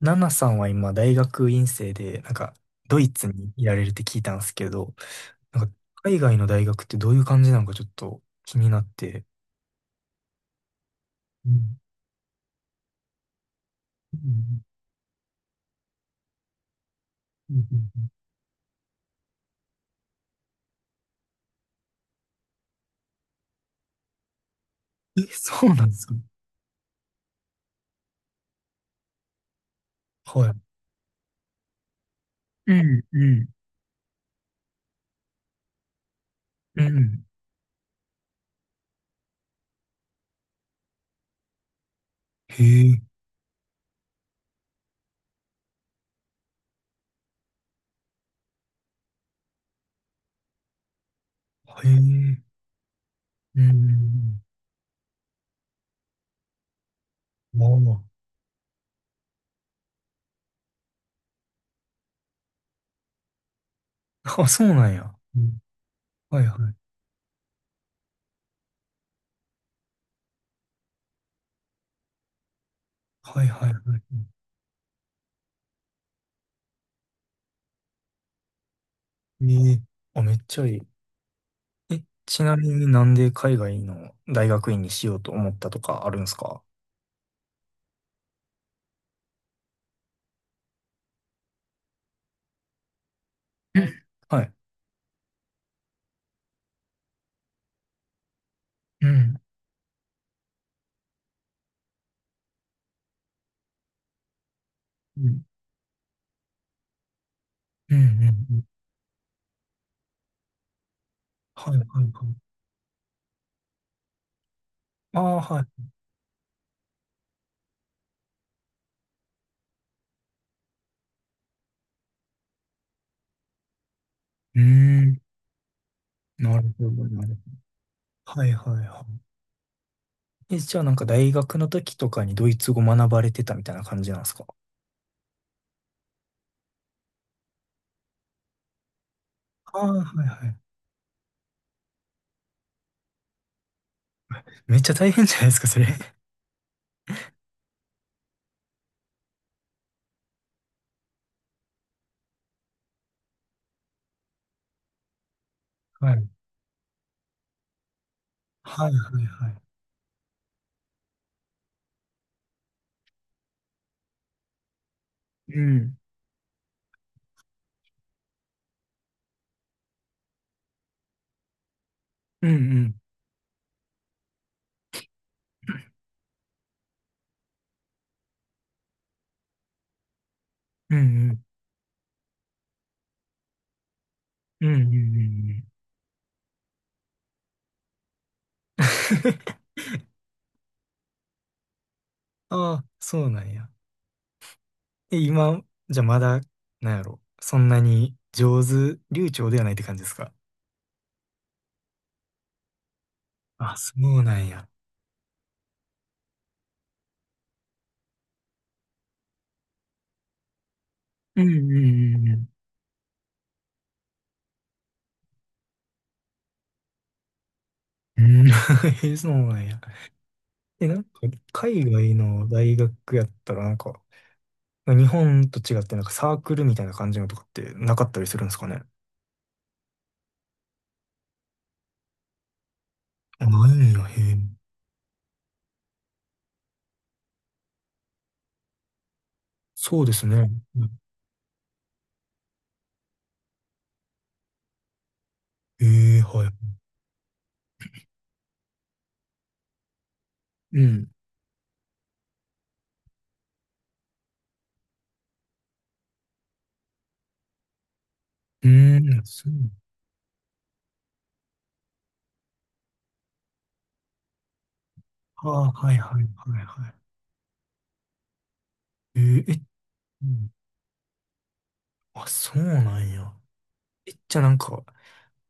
ナナさんは今、大学院生で、ドイツにいられるって聞いたんですけど、なんか、海外の大学ってどういう感じなのかちょっと気になって。うん。うんうんうんうん。え、そうなんですか？はい。うんうんうん。へえ、へえ、うん。まあまあ。あ、そうなんや。うん。はいはい。はいはいはい。ええ、あ、めっちゃいい。え、ちなみになんで海外の大学院にしようと思ったとかあるんですか？うん、はい。うん、うん、うん、うん。うん。はい、はい、はい。ああ、はい。うーん、なるほど、なるほど。はい、はい、はい。え、じゃあなんか大学の時とかにドイツ語学ばれてたみたいな感じなんですか？ああ、はい、はい。めっちゃ大変じゃないですか、それ。はい。はい、はい、はい。うん、うん、うん、うん、うん、うん、うん、うん。うん。 ああ、そうなんや。え、今、じゃあまだ、なんやろ。そんなに上手、流暢ではないって感じですか？あ、そうなんや。うんうんうんうん。うん、そうなんや。え、なんか、海外の大学やったら、日本と違って、なんかサークルみたいな感じのとかってなかったりするんですかね。あ、ないんや、へえ。そうですね。ええ、はい。うん。うーん、そう。ああ、はいはいはいはい。ええ、え、うん。あ、そうなんや。え、じゃあなんか、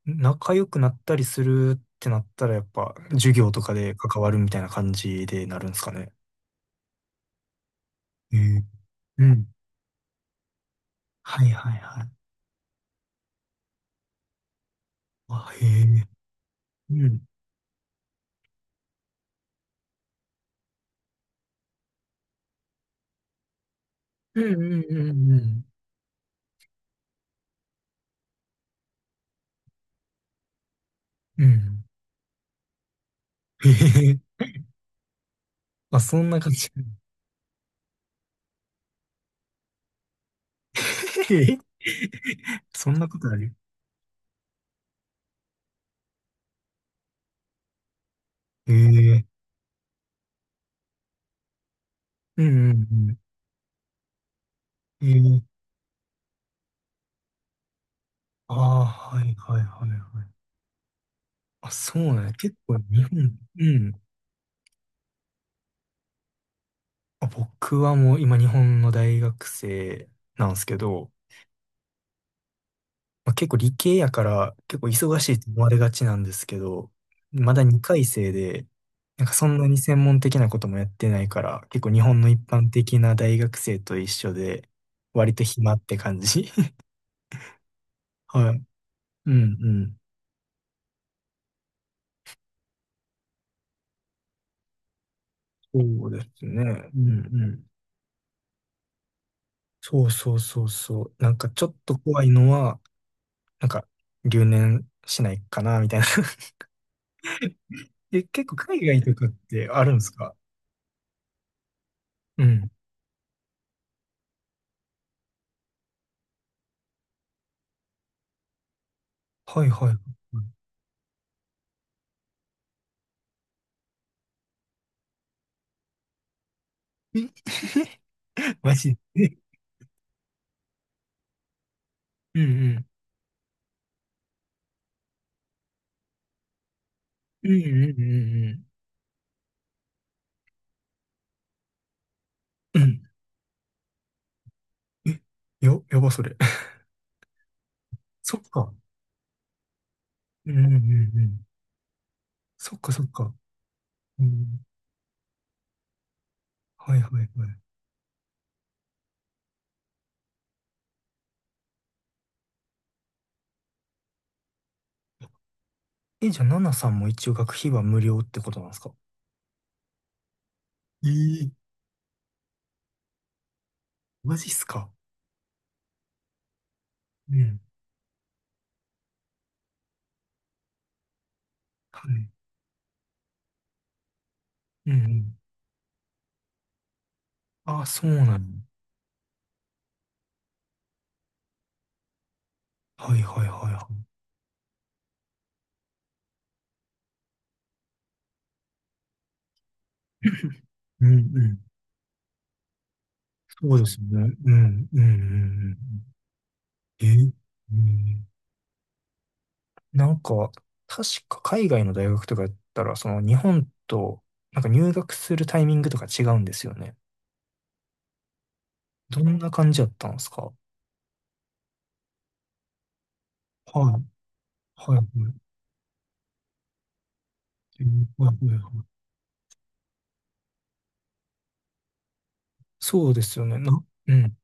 仲良くなったりするってなったら、やっぱ、授業とかで関わるみたいな感じでなるんですかね。ええ、うん。はいはいはい。あ、へえ。うん。うんうんうんうん。うん。へえ。あ、そんな感じ。へえ。そんなことある？へえ。うんうんうん。へえ。ああ、はいはいはいはい。あ、そうね。結構日本、うん。あ、僕はもう今日本の大学生なんですけど、まあ、結構理系やから結構忙しいと思われがちなんですけど、まだ2回生で、なんかそんなに専門的なこともやってないから、結構日本の一般的な大学生と一緒で、割と暇って感じ。はい。うんうん。そうですね。うんうん。そうそうそうそう。なんかちょっと怖いのは、なんか留年しないかな、みたいな。え、結構海外とかってあるんですか？うん。はいはいはい。え、 マジ。うんうん。うんうんうんうん。うん。え、や、やばそれ。そっか。うんうんうんうん。そっかそっか。うん。はいはいはい。え、じゃあ、ナナさんも一応学費は無料ってことなんですか？ええ、マジっすか。うん。はい。うんうん。ああ、そうなの。はいはいはいはい。うんうん。そうですね。うんうんうんうん。え、うん。なんか、確か海外の大学とかやったら、その日本と、なんか入学するタイミングとか違うんですよね。どんな感じだったんですか？はい。はい。はい。はい。はい。はい。そうですよね。な、あ、うん。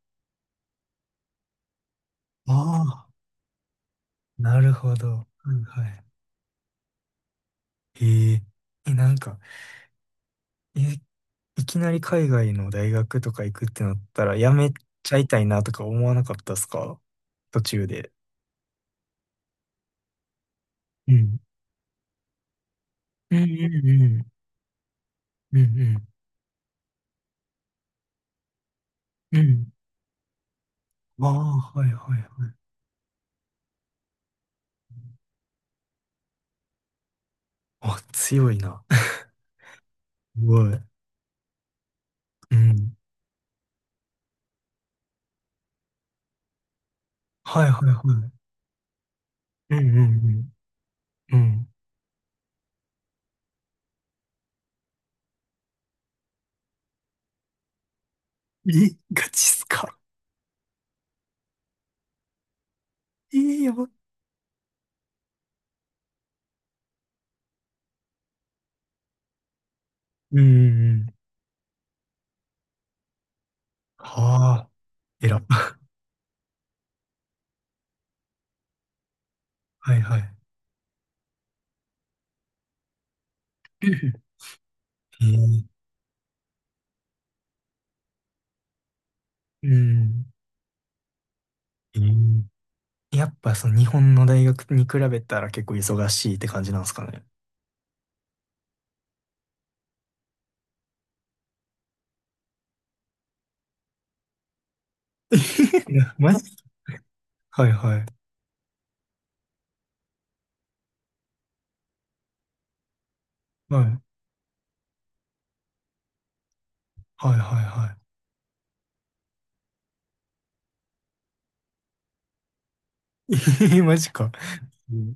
ああ、なるほど。はいはい。へえ。え、なんか、え、いきなり海外の大学とか行くってなったら、やめちゃいたいなとか思わなかったですか、途中で。うん。うんうんうん。うんうん。うん。ああ、はいはいはい。あ、強いな。すごい。うん。はいはいはい。うんうんうん。うん。え、ガチっすか。えー、やば。うんうんうん。はあ、えら。はいはい。えー、うん。えー、やっぱその日本の大学に比べたら結構忙しいって感じなんですかね。いや、マジ。はいはい。はい。はいはいはい。えー、マジか。うん。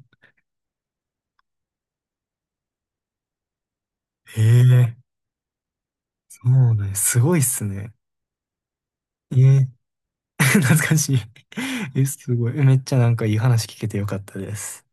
えー。そうね。すごいっすね。ええ。 懐かしい。え、すごい。え、めっちゃなんかいい話聞けてよかったです。